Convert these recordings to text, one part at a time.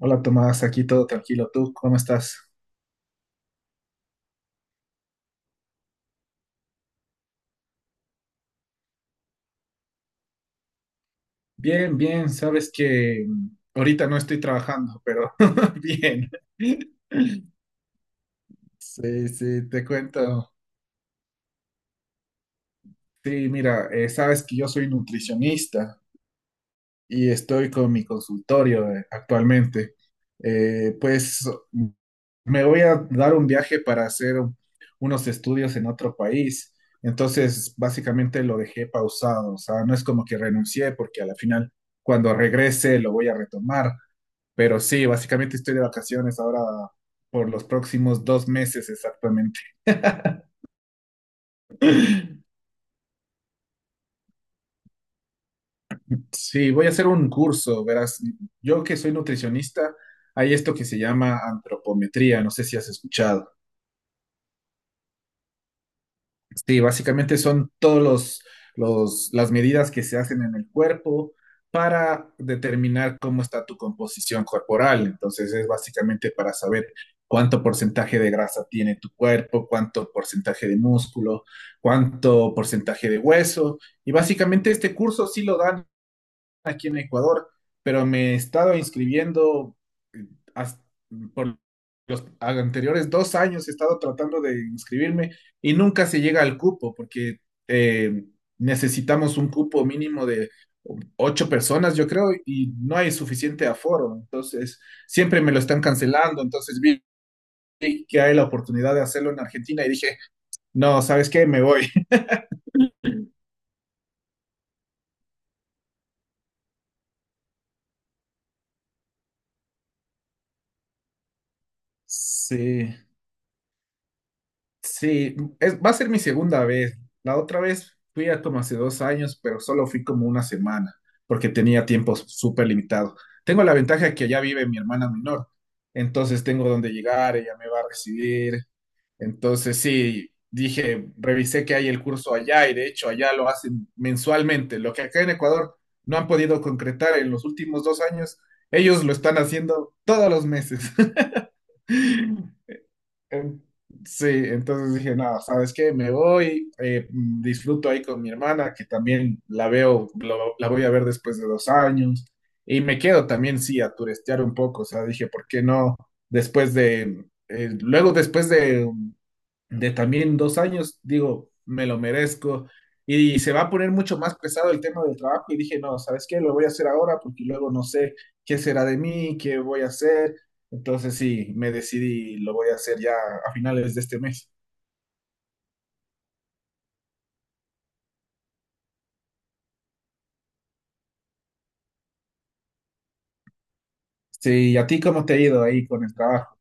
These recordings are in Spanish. Hola Tomás, aquí todo tranquilo. ¿Tú cómo estás? Bien, bien. Sabes que ahorita no estoy trabajando, pero bien. Sí, sí, te cuento. Sí, mira, sabes que yo soy nutricionista. Y estoy con mi consultorio actualmente. Pues me voy a dar un viaje para hacer unos estudios en otro país. Entonces, básicamente lo dejé pausado. O sea, no es como que renuncié porque a la final, cuando regrese, lo voy a retomar. Pero sí, básicamente estoy de vacaciones ahora por los próximos 2 meses exactamente. Sí, voy a hacer un curso, verás. Yo que soy nutricionista, hay esto que se llama antropometría, no sé si has escuchado. Sí, básicamente son todos las medidas que se hacen en el cuerpo para determinar cómo está tu composición corporal. Entonces es básicamente para saber cuánto porcentaje de grasa tiene tu cuerpo, cuánto porcentaje de músculo, cuánto porcentaje de hueso. Y básicamente este curso sí lo dan aquí en Ecuador, pero me he estado inscribiendo eh, hasta- por los anteriores 2 años, he estado tratando de inscribirme y nunca se llega al cupo porque eh, necesitamos un cupo mínimo de 8 personas, yo creo, y no hay suficiente aforo. Entonces, siempre me lo están cancelando. Entonces vi que hay la oportunidad de hacerlo en Argentina y dije, no, ¿sabes qué? Me voy. Sí. Sí, es, va a ser mi segunda vez. La otra vez fui a como hace 2 años, pero solo fui como una semana, porque tenía tiempo súper limitado. Tengo la ventaja que allá vive mi hermana menor, entonces tengo donde llegar, ella me va a recibir. Entonces sí, dije, revisé que hay el curso allá y de hecho allá lo hacen mensualmente, lo que acá en Ecuador no han podido concretar en los últimos 2 años, ellos lo están haciendo todos los meses. Em, Sí, entonces dije, nada, ¿sabes qué? Me voy, disfruto ahí con mi hermana, que también la veo, la voy a ver después de 2 años, y me quedo también, sí, a turistear un poco, o sea, dije, ¿por qué no? Después de, luego después de también 2 años, digo, me lo merezco. Y se va a poner mucho más pesado el tema del trabajo. Y dije, no, ¿sabes qué? Lo voy a hacer ahora porque luego no sé qué será de mí, qué voy a hacer. Entonces sí, me decidí y lo voy a hacer ya a finales de este mes. Sí, ¿y a ti cómo te ha ido ahí con el trabajo?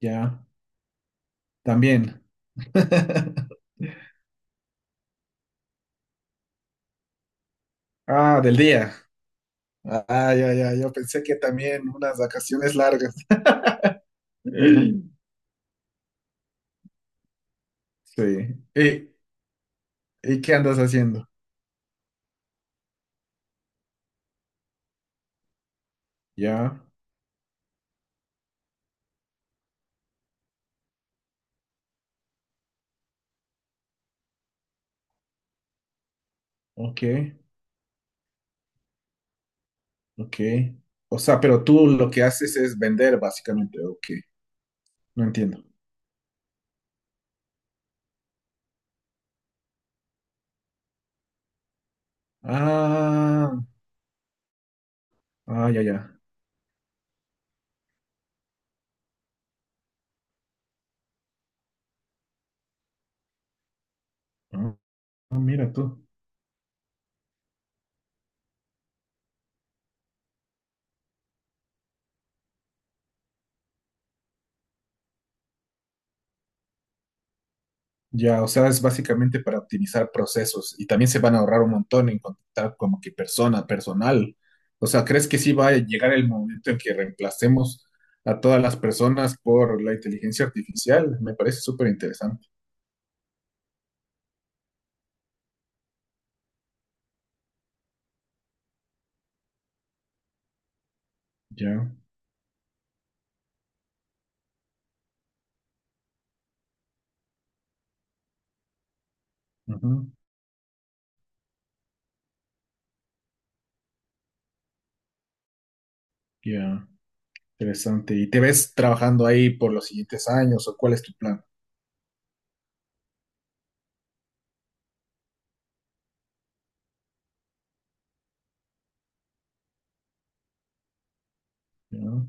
Ya, también. Ah, del día. Ah, ya, ya, yo pensé que también unas vacaciones largas. Sí. ¿Y, y qué andas haciendo? Ya, ok. Ok. O sea, pero tú lo que haces es vender, básicamente. Ok. No entiendo. Ah, ah, ya, ya. Ah, ah, mira tú. Ya, o sea, es básicamente para optimizar procesos y también se van a ahorrar un montón en contratar como que personal. O sea, ¿crees que sí va a llegar el momento en que reemplacemos a todas las personas por la inteligencia artificial? Me parece súper interesante. Ya, ujú, ya, interesante. ¿Y te ves trabajando ahí por los siguientes años o cuál es tu plan? Ya.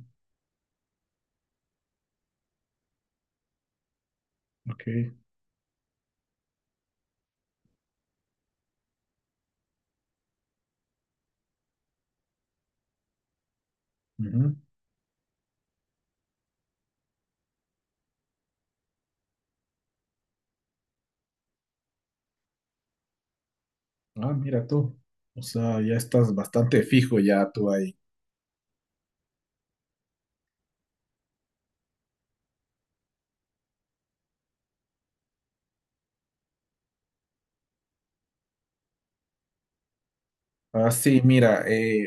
Ok. Ujú. Ah, mira tú. O sea, ya estás bastante fijo ya tú ahí. Ah, sí, mira,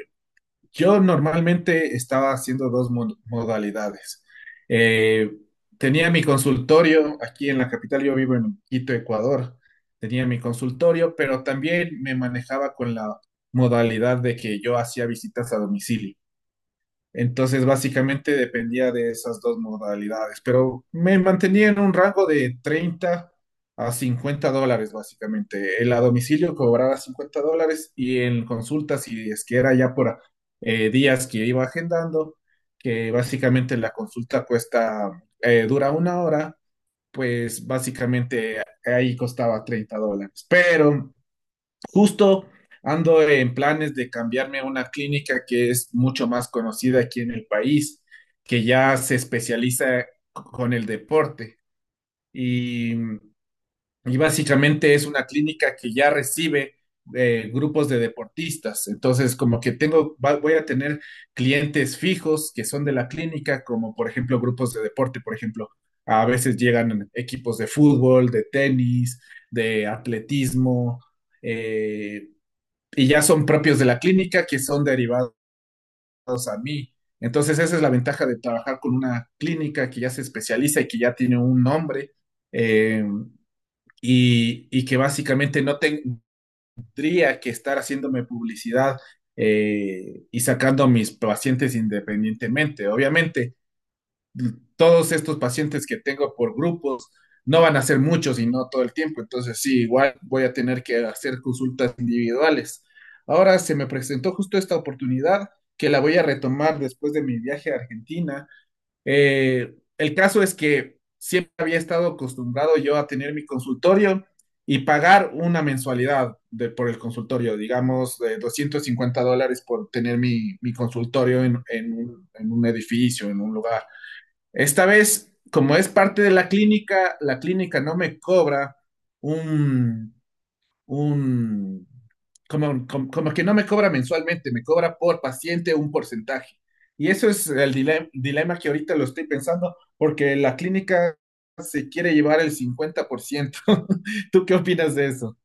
yo normalmente estaba haciendo dos modalidades. Eh, Tenía mi consultorio aquí en la capital, yo vivo en Quito, Ecuador. Tenía mi consultorio, pero también me manejaba con la modalidad de que yo hacía visitas a domicilio. Entonces, básicamente dependía de esas dos modalidades, pero me mantenía en un rango de 30 a 50 dólares, básicamente. El a domicilio cobraba $50 y en consultas si es que era ya por días que iba agendando, que básicamente la consulta cuesta, dura una hora, pues básicamente ahí costaba $30. Pero justo ando en planes de cambiarme a una clínica que es mucho más conocida aquí en el país, que ya se especializa con el deporte. Y básicamente es una clínica que ya recibe grupos de deportistas. Entonces, como que tengo, voy a tener clientes fijos que son de la clínica, como por ejemplo grupos de deporte, por ejemplo. A veces llegan equipos de fútbol, de tenis, de atletismo, eh, y ya son propios de la clínica que son derivados a mí. Entonces esa es la ventaja de trabajar con una clínica que ya se especializa y que ya tiene un nombre eh, y, que básicamente no tendría que estar haciéndome publicidad y sacando a mis pacientes independientemente. Obviamente, todos estos pacientes que tengo por grupos no van a ser muchos y no todo el tiempo. Entonces, sí, igual voy a tener que hacer consultas individuales. Ahora se me presentó justo esta oportunidad que la voy a retomar después de mi viaje a Argentina. El caso es que siempre había estado acostumbrado yo a tener mi consultorio y pagar una mensualidad de, por el consultorio, digamos, de $250 por tener mi consultorio en un edificio, en un lugar. Esta vez, como es parte de la clínica no me cobra un, un, como que no me cobra mensualmente, me cobra por paciente un porcentaje. Y eso es el dilema, dilema que ahorita lo estoy pensando, porque la clínica se quiere llevar el 50%. ¿Tú qué opinas de eso?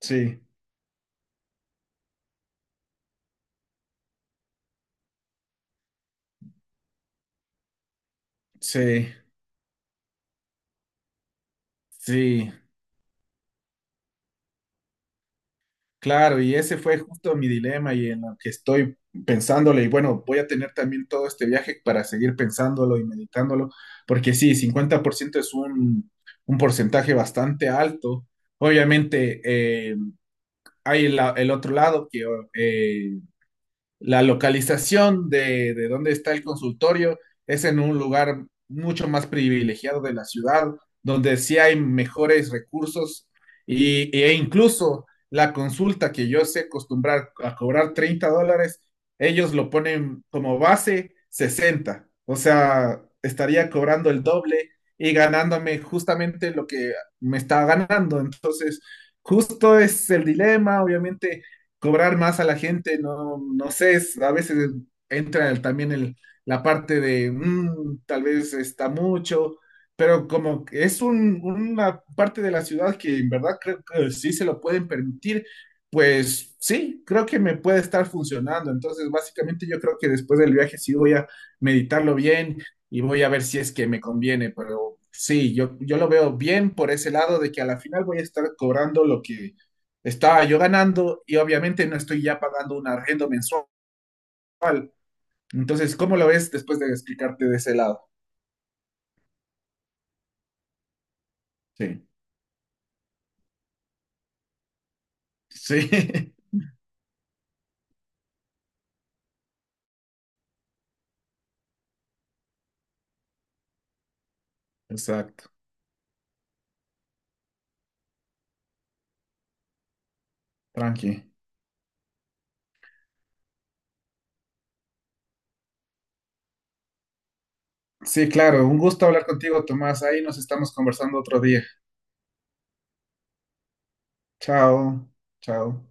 Sí, sí, sí. Claro, y ese fue justo mi dilema y en lo que estoy pensándole. Y bueno, voy a tener también todo este viaje para seguir pensándolo y meditándolo, porque sí, 50% es un porcentaje bastante alto. Obviamente, hay el otro lado que eh, la localización de dónde está el consultorio es en un lugar mucho más privilegiado de la ciudad, donde sí hay mejores recursos y, e incluso la consulta que yo sé acostumbrar a cobrar $30, ellos lo ponen como base 60. O sea, estaría cobrando el doble y ganándome justamente lo que me estaba ganando. Entonces, justo es el dilema, obviamente cobrar más a la gente, no, no sé, es- a veces entra el- también el, la parte de "Mm, tal vez está mucho, pero como que es un- una parte de la ciudad que en verdad creo que sí se lo pueden permitir, pues sí, creo que me puede estar funcionando. Entonces, básicamente yo creo que después del viaje sí voy a meditarlo bien y voy a ver si es que me conviene, pero sí, yo lo veo bien por ese lado de que a la final voy a estar cobrando lo que estaba yo ganando y obviamente no estoy ya pagando un arriendo mensual. Entonces, ¿cómo lo ves después de explicarte de ese lado? Sí, sí, exacto, tranqui. Sí, claro, un gusto hablar contigo, Tomás. Ahí nos estamos conversando otro día. Chao, chao.